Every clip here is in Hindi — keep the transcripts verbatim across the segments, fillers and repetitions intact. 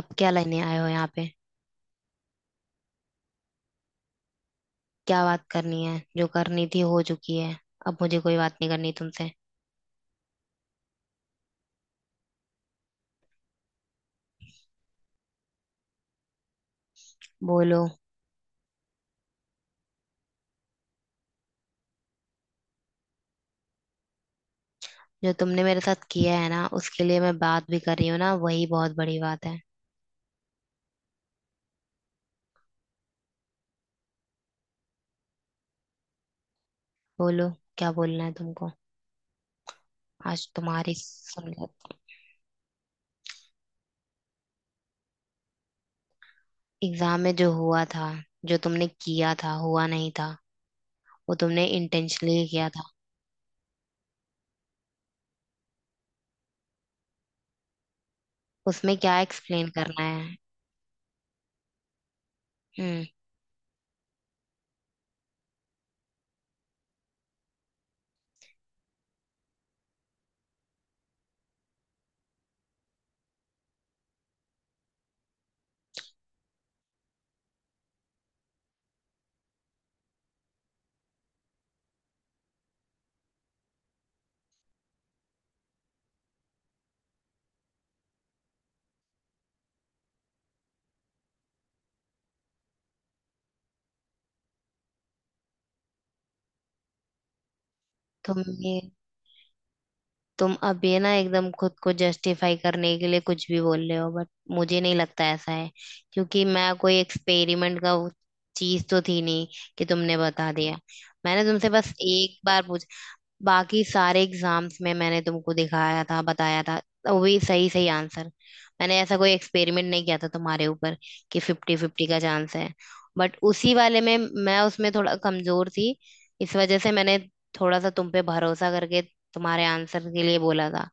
अब क्या लेने आए हो यहाँ पे। क्या बात करनी है, जो करनी थी हो चुकी है। अब मुझे कोई बात नहीं करनी तुमसे। बोलो। जो तुमने मेरे साथ किया है ना, उसके लिए मैं बात भी कर रही हूँ ना, वही बहुत बड़ी बात है। बोलो, क्या बोलना है तुमको। आज तुम्हारी समझ। एग्जाम में जो हुआ था, जो तुमने किया था, हुआ नहीं था। वो तुमने इंटेंशनली किया था। उसमें क्या एक्सप्लेन करना है। हम्म। तुमने तुम अब ये ना एकदम खुद को जस्टिफाई करने के लिए कुछ भी बोल रहे हो, बट मुझे नहीं लगता ऐसा है। क्योंकि मैं कोई एक्सपेरिमेंट का चीज तो थी नहीं कि तुमने बता दिया। मैंने तुमसे बस एक बार पूछ। बाकी सारे एग्जाम्स में मैंने तुमको दिखाया था, बताया था, तो वो भी सही सही आंसर। मैंने ऐसा कोई एक्सपेरिमेंट नहीं किया था तुम्हारे ऊपर कि फिफ्टी फिफ्टी का चांस है। बट उसी वाले में मैं उसमें थोड़ा कमजोर थी, इस वजह से मैंने थोड़ा सा तुम पे भरोसा करके तुम्हारे आंसर के लिए बोला था।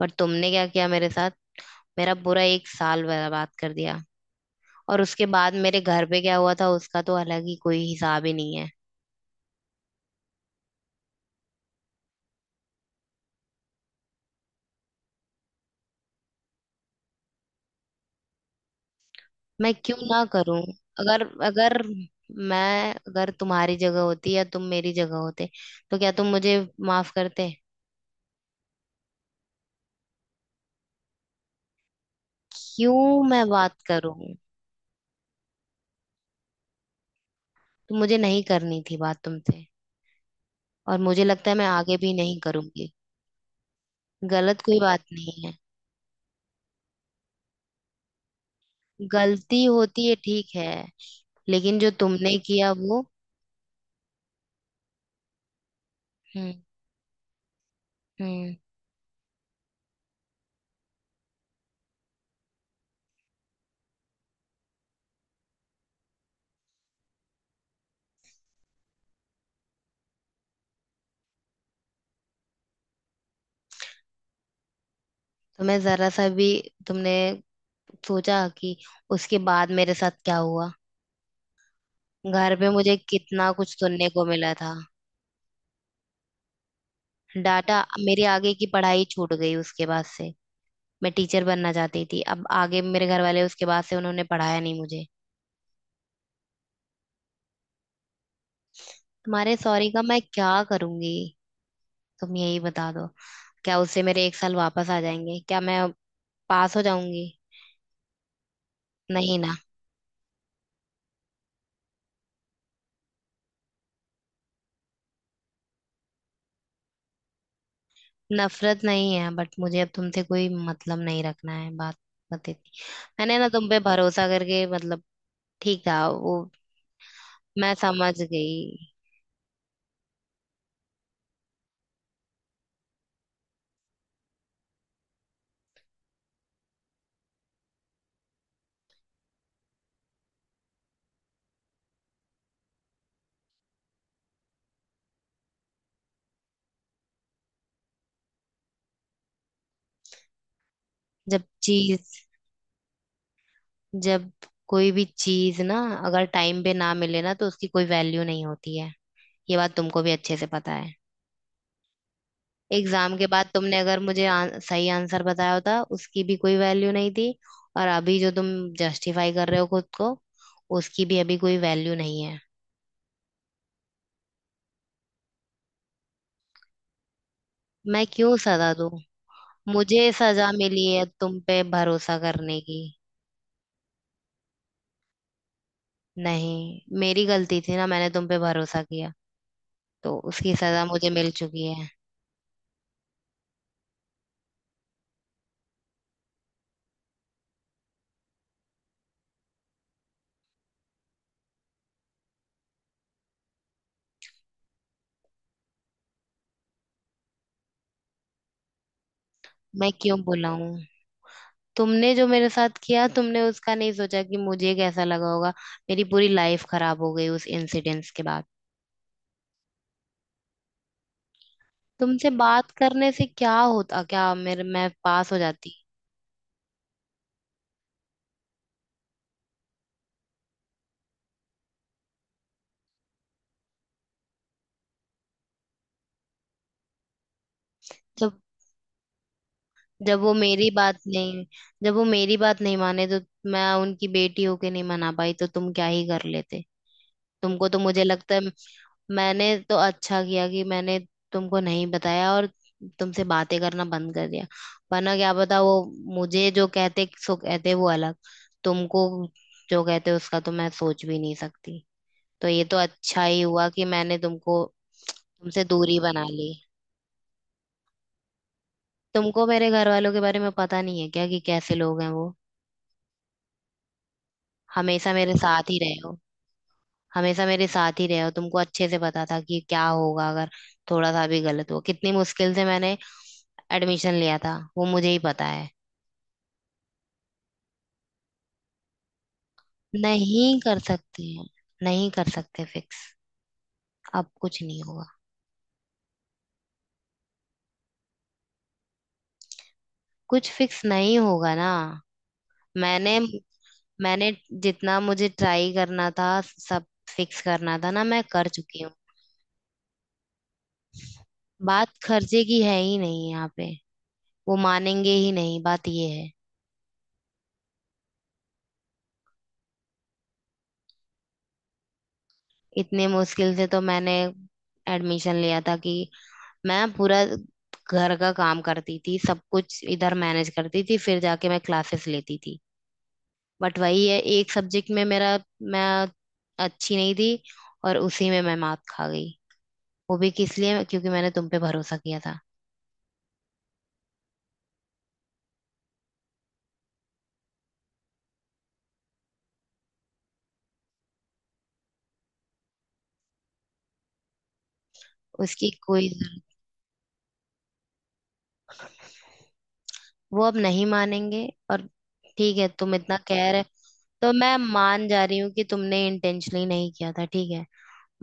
पर तुमने क्या किया मेरे साथ। मेरा पूरा एक साल बर्बाद कर दिया। और उसके बाद मेरे घर पे क्या हुआ था, उसका तो अलग ही कोई हिसाब ही नहीं है। मैं क्यों ना करूं। अगर अगर मैं अगर तुम्हारी जगह होती या तुम मेरी जगह होते, तो क्या तुम मुझे माफ करते। क्यों मैं बात करूं। तो मुझे नहीं करनी थी बात तुमसे, और मुझे लगता है मैं आगे भी नहीं करूंगी। गलत कोई बात नहीं है। गलती होती है, ठीक है। लेकिन जो तुमने किया वो। हम्म। हम्म। तुम्हें जरा सा भी तुमने सोचा कि उसके बाद मेरे साथ क्या हुआ। घर पे मुझे कितना कुछ सुनने को मिला था। डाटा। मेरी आगे की पढ़ाई छूट गई उसके बाद से। मैं टीचर बनना चाहती थी, अब आगे मेरे घर वाले उसके बाद से उन्होंने पढ़ाया नहीं मुझे। तुम्हारे सॉरी का मैं क्या करूंगी। तुम यही बता दो, क्या उससे मेरे एक साल वापस आ जाएंगे, क्या मैं पास हो जाऊंगी। नहीं ना। नफरत नहीं है, बट मुझे अब तुमसे कोई मतलब नहीं रखना है। बात बत इतनी। मैंने ना तुम पे भरोसा करके, मतलब ठीक था वो। मैं समझ गई। जब चीज, जब कोई भी चीज ना अगर टाइम पे ना मिले ना, तो उसकी कोई वैल्यू नहीं होती है। ये बात तुमको भी अच्छे से पता है। एग्जाम के बाद तुमने अगर मुझे आन, सही आंसर बताया होता, उसकी भी कोई वैल्यू नहीं थी। और अभी जो तुम जस्टिफाई कर रहे हो खुद को, उसकी भी अभी कोई वैल्यू नहीं है। मैं क्यों सजा दूं। मुझे सजा मिली है तुम पे भरोसा करने की। नहीं, मेरी गलती थी ना, मैंने तुम पे भरोसा किया, तो उसकी सजा मुझे मिल चुकी है। मैं क्यों बुलाऊं। तुमने जो मेरे साथ किया, तुमने उसका नहीं सोचा कि मुझे कैसा लगा होगा। मेरी पूरी लाइफ खराब हो गई उस इंसिडेंस के बाद। तुमसे बात करने से क्या होता, क्या मेरे, मैं पास हो जाती। जब, जब वो मेरी बात नहीं जब वो मेरी बात नहीं माने, तो मैं उनकी बेटी होके नहीं मना पाई, तो तुम क्या ही कर लेते। तुमको तो मुझे लगता है, मैंने तो अच्छा किया कि मैंने तुमको नहीं बताया, और तुमसे बातें करना बंद कर दिया। वरना क्या पता, वो मुझे जो कहते सो कहते, वो अलग, तुमको जो कहते उसका तो मैं सोच भी नहीं सकती। तो ये तो अच्छा ही हुआ कि मैंने तुमको तुमसे दूरी बना ली। तुमको मेरे घर वालों के बारे में पता नहीं है क्या कि कैसे लोग हैं वो। हमेशा मेरे साथ ही रहे हो। हमेशा मेरे साथ ही रहे हो, तुमको अच्छे से पता था कि क्या होगा अगर थोड़ा सा भी गलत हुआ। कितनी मुश्किल से मैंने एडमिशन लिया था, वो मुझे ही पता है। नहीं कर सकते हैं, नहीं कर सकते फिक्स, अब कुछ नहीं होगा। कुछ फिक्स नहीं होगा ना। मैंने मैंने जितना मुझे ट्राई करना था, सब फिक्स करना था ना, मैं कर चुकी हूँ। बात खर्चे की है ही नहीं यहाँ पे। वो मानेंगे ही नहीं, बात ये है। इतने मुश्किल से तो मैंने एडमिशन लिया था। कि मैं पूरा घर का काम करती थी, सब कुछ इधर मैनेज करती थी, फिर जाके मैं क्लासेस लेती थी। बट वही है, एक सब्जेक्ट में मेरा, मैं अच्छी नहीं थी, और उसी में मैं मात खा गई। वो भी किस लिए, क्योंकि मैंने तुम पे भरोसा किया था। उसकी कोई जरूरत, वो अब नहीं मानेंगे। और ठीक है, तुम इतना कह रहे, तो मैं मान जा रही हूँ कि तुमने इंटेंशनली नहीं किया था, ठीक है।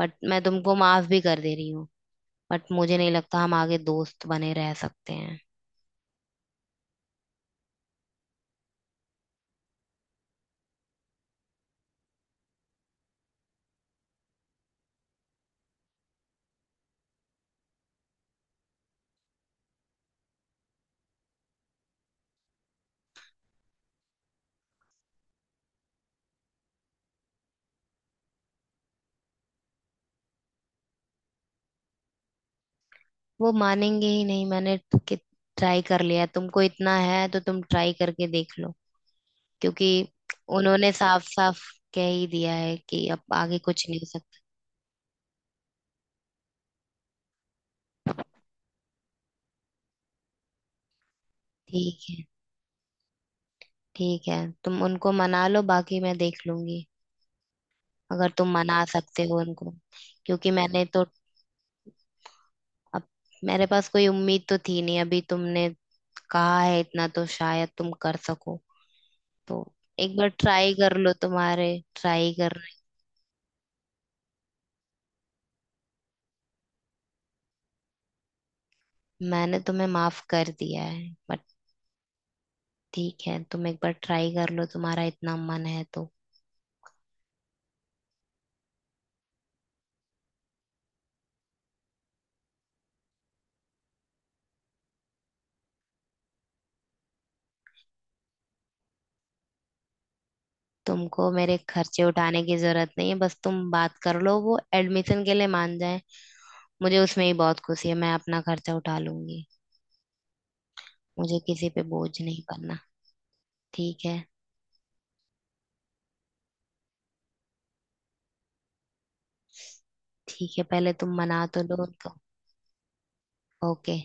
बट मैं तुमको माफ भी कर दे रही हूँ, बट मुझे नहीं लगता हम आगे दोस्त बने रह सकते हैं। वो मानेंगे ही नहीं, मैंने ट्राई कर लिया, तुमको इतना है तो तुम ट्राई करके देख लो। क्योंकि उन्होंने साफ साफ कह ही दिया है कि अब आगे कुछ नहीं हो सकता। ठीक है, ठीक है, तुम उनको मना लो, बाकी मैं देख लूंगी, अगर तुम मना सकते हो उनको। क्योंकि मैंने तो, अब मेरे पास कोई उम्मीद तो थी नहीं, अभी तुमने कहा है इतना, तो शायद तुम कर सको। तो एक बार ट्राई कर लो, तुम्हारे ट्राई कर। मैंने तुम्हें माफ कर दिया है, बट ठीक है, तुम एक बार ट्राई कर लो, तुम्हारा इतना मन है तो। तुमको मेरे खर्चे उठाने की जरूरत नहीं है, बस तुम बात कर लो वो एडमिशन के लिए मान जाए। मुझे उसमें ही बहुत खुशी है, मैं अपना खर्चा उठा लूंगी। मुझे किसी पे बोझ नहीं बनना। ठीक है, ठीक है, पहले तुम मना तो लो उनको। ओके।